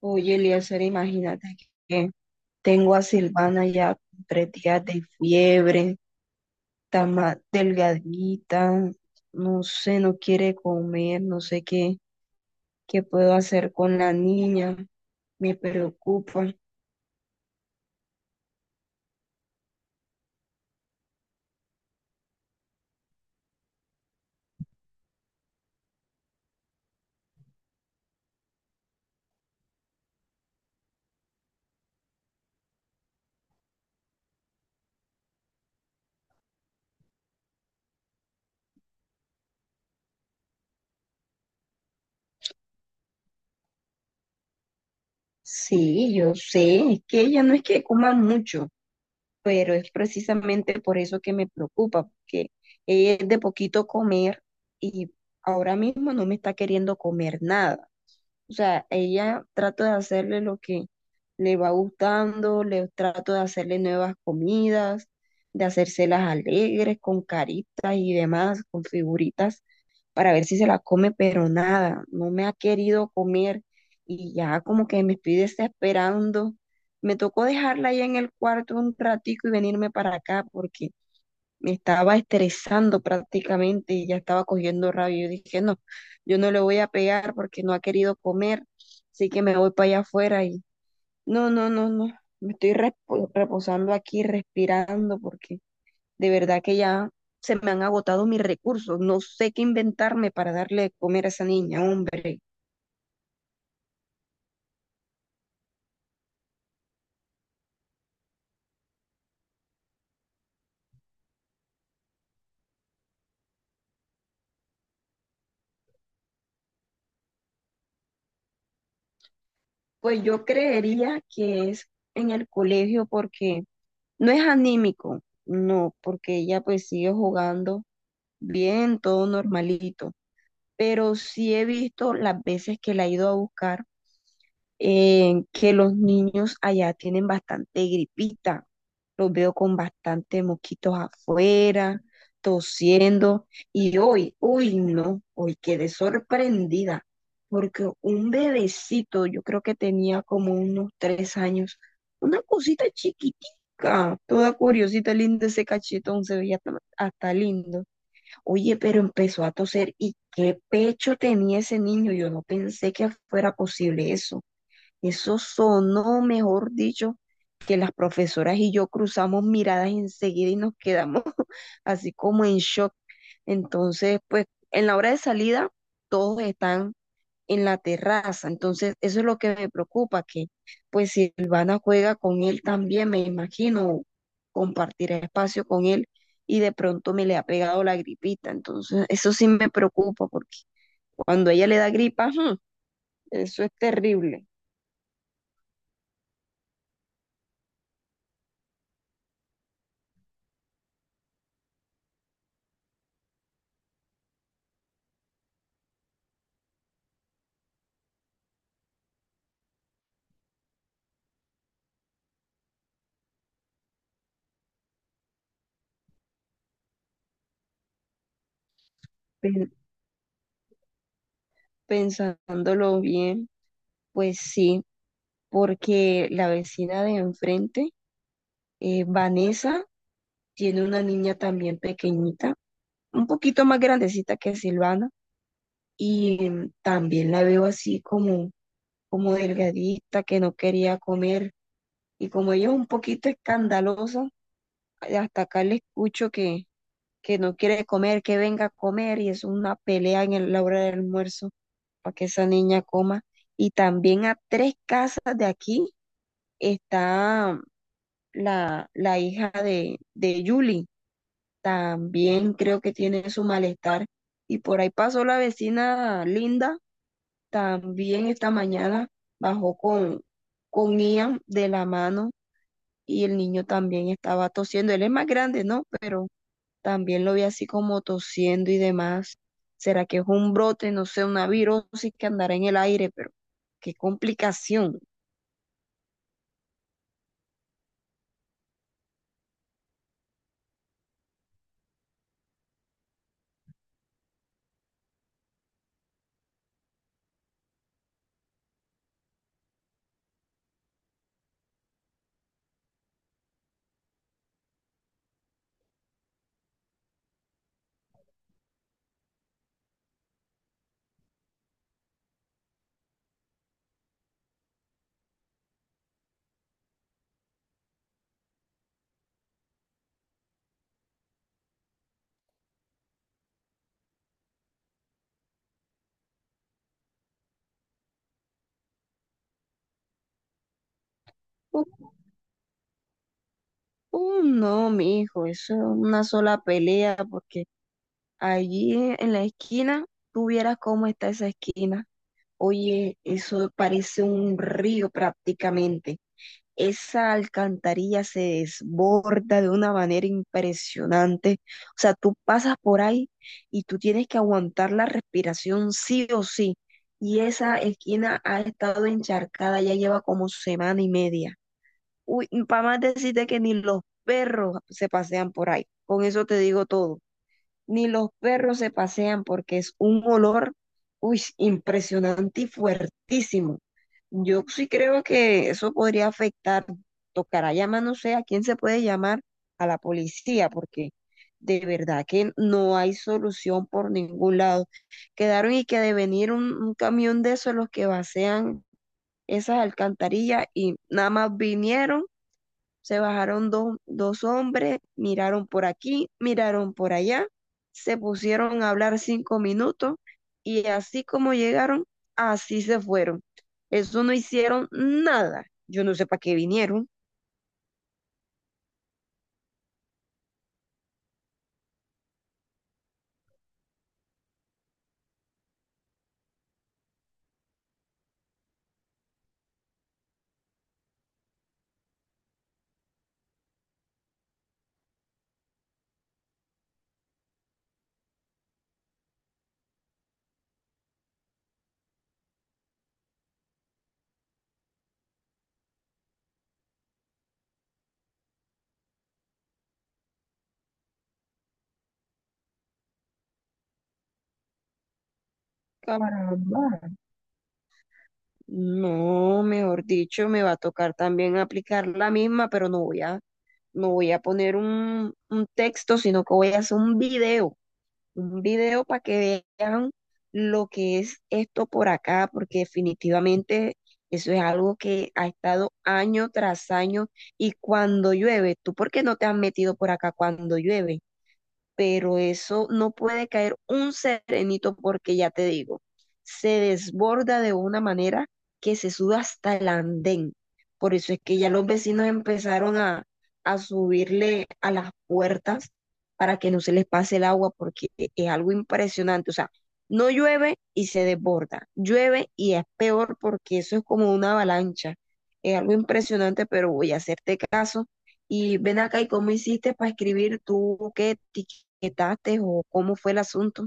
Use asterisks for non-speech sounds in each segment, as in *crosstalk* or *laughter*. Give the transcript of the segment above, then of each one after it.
Oye, Eliezer, imagínate que tengo a Silvana ya con 3 días de fiebre, está más delgadita, no sé, no quiere comer, no sé qué, qué puedo hacer con la niña, me preocupa. Sí, yo sé, es que ella no es que coma mucho, pero es precisamente por eso que me preocupa, porque ella es de poquito comer y ahora mismo no me está queriendo comer nada. O sea, ella trato de hacerle lo que le va gustando, le trato de hacerle nuevas comidas, de hacérselas alegres, con caritas y demás, con figuritas, para ver si se la come, pero nada, no me ha querido comer y ya como que me estoy desesperando. Me tocó dejarla ahí en el cuarto un ratico y venirme para acá porque me estaba estresando prácticamente y ya estaba cogiendo rabia. Yo dije, no, yo no le voy a pegar porque no ha querido comer, así que me voy para allá afuera y no, no, no, no, me estoy reposando aquí, respirando porque de verdad que ya se me han agotado mis recursos, no sé qué inventarme para darle de comer a esa niña, hombre. Pues yo creería que es en el colegio porque no es anímico, no, porque ella pues sigue jugando bien, todo normalito. Pero sí he visto las veces que la he ido a buscar que los niños allá tienen bastante gripita. Los veo con bastante mosquitos afuera, tosiendo. Y hoy, hoy no, hoy quedé sorprendida porque un bebecito, yo creo que tenía como unos 3 años, una cosita chiquitica, toda curiosita, linda ese cachetón, se veía hasta lindo. Oye, pero empezó a toser y qué pecho tenía ese niño. Yo no pensé que fuera posible eso. Eso sonó, mejor dicho, que las profesoras y yo cruzamos miradas enseguida y nos quedamos *laughs* así como en shock. Entonces, pues en la hora de salida, todos están en la terraza. Entonces, eso es lo que me preocupa, que pues si Silvana juega con él también, me imagino, compartir espacio con él y de pronto me le ha pegado la gripita. Entonces, eso sí me preocupa porque cuando ella le da gripa, ¡ujú! Eso es terrible. Pen- Pensándolo bien, pues sí, porque la vecina de enfrente, Vanessa, tiene una niña también pequeñita, un poquito más grandecita que Silvana y también la veo así como, como delgadita, que no quería comer. Y como ella es un poquito escandalosa, hasta acá le escucho que no quiere comer, que venga a comer, y es una pelea en la hora del almuerzo para que esa niña coma. Y también a tres casas de aquí está la hija de Julie. También creo que tiene su malestar. Y por ahí pasó la vecina Linda. También esta mañana bajó con Ian de la mano y el niño también estaba tosiendo. Él es más grande, ¿no? Pero también lo vi así como tosiendo y demás. ¿Será que es un brote, no sé, una virosis que andará en el aire? Pero qué complicación. Uh, no, mi hijo, eso es una sola pelea porque allí en la esquina, tú vieras cómo está esa esquina. Oye, eso parece un río prácticamente. Esa alcantarilla se desborda de una manera impresionante. O sea, tú pasas por ahí y tú tienes que aguantar la respiración sí o sí. Y esa esquina ha estado encharcada, ya lleva como semana y media. Uy, para más decirte que ni los perros se pasean por ahí. Con eso te digo todo, ni los perros se pasean porque es un olor, uy, impresionante y fuertísimo. Yo sí creo que eso podría afectar. Tocará llamar, no sé a quién se puede llamar, a la policía, porque de verdad que no hay solución por ningún lado. Quedaron y que de venir un camión de esos los que vacían esas alcantarillas y nada más vinieron, se bajaron dos hombres, miraron por aquí, miraron por allá, se pusieron a hablar 5 minutos y así como llegaron, así se fueron. Eso no hicieron nada. Yo no sé para qué vinieron. Caramba. No, mejor dicho, me va a tocar también aplicar la misma, pero no voy a, no voy a poner un texto, sino que voy a hacer un video. Un video para que vean lo que es esto por acá, porque definitivamente eso es algo que ha estado año tras año y cuando llueve, ¿tú por qué no te has metido por acá cuando llueve? Pero eso no puede caer un serenito porque ya te digo, se desborda de una manera que se sube hasta el andén. Por eso es que ya los vecinos empezaron a subirle a las puertas para que no se les pase el agua porque es algo impresionante. O sea, no llueve y se desborda, llueve y es peor porque eso es como una avalancha. Es algo impresionante, pero voy a hacerte caso. Y ven acá, ¿y cómo hiciste para escribir tú qué etates o cómo fue el asunto?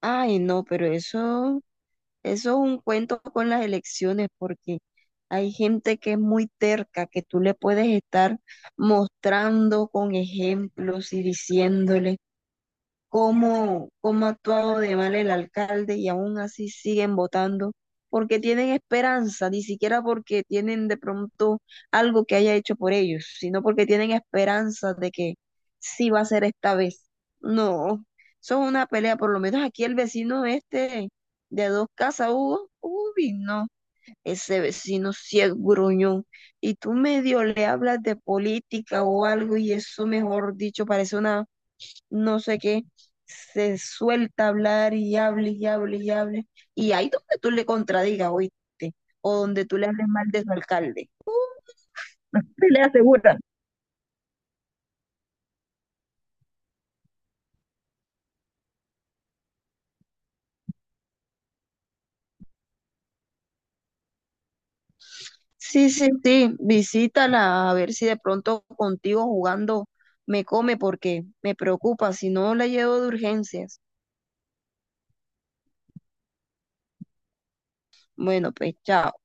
Ay, no, pero eso es un cuento con las elecciones, porque hay gente que es muy terca, que tú le puedes estar mostrando con ejemplos y diciéndole cómo ha actuado de mal el alcalde y aún así siguen votando porque tienen esperanza, ni siquiera porque tienen de pronto algo que haya hecho por ellos, sino porque tienen esperanza de que sí va a ser esta vez. No, son una pelea, por lo menos aquí el vecino este de dos casas, Hugo, uy, no, ese vecino sí es gruñón. Y tú medio le hablas de política o algo y eso, mejor dicho, parece una no sé qué, se suelta a hablar y hable y hable y hable. Y ahí donde tú le contradigas, oíste, o donde tú le hables mal de su alcalde. *laughs* Te le aseguran. Sí, sí, sí, visítala a ver si de pronto contigo jugando me come porque me preocupa, si no la llevo de urgencias. Bueno, pues chao.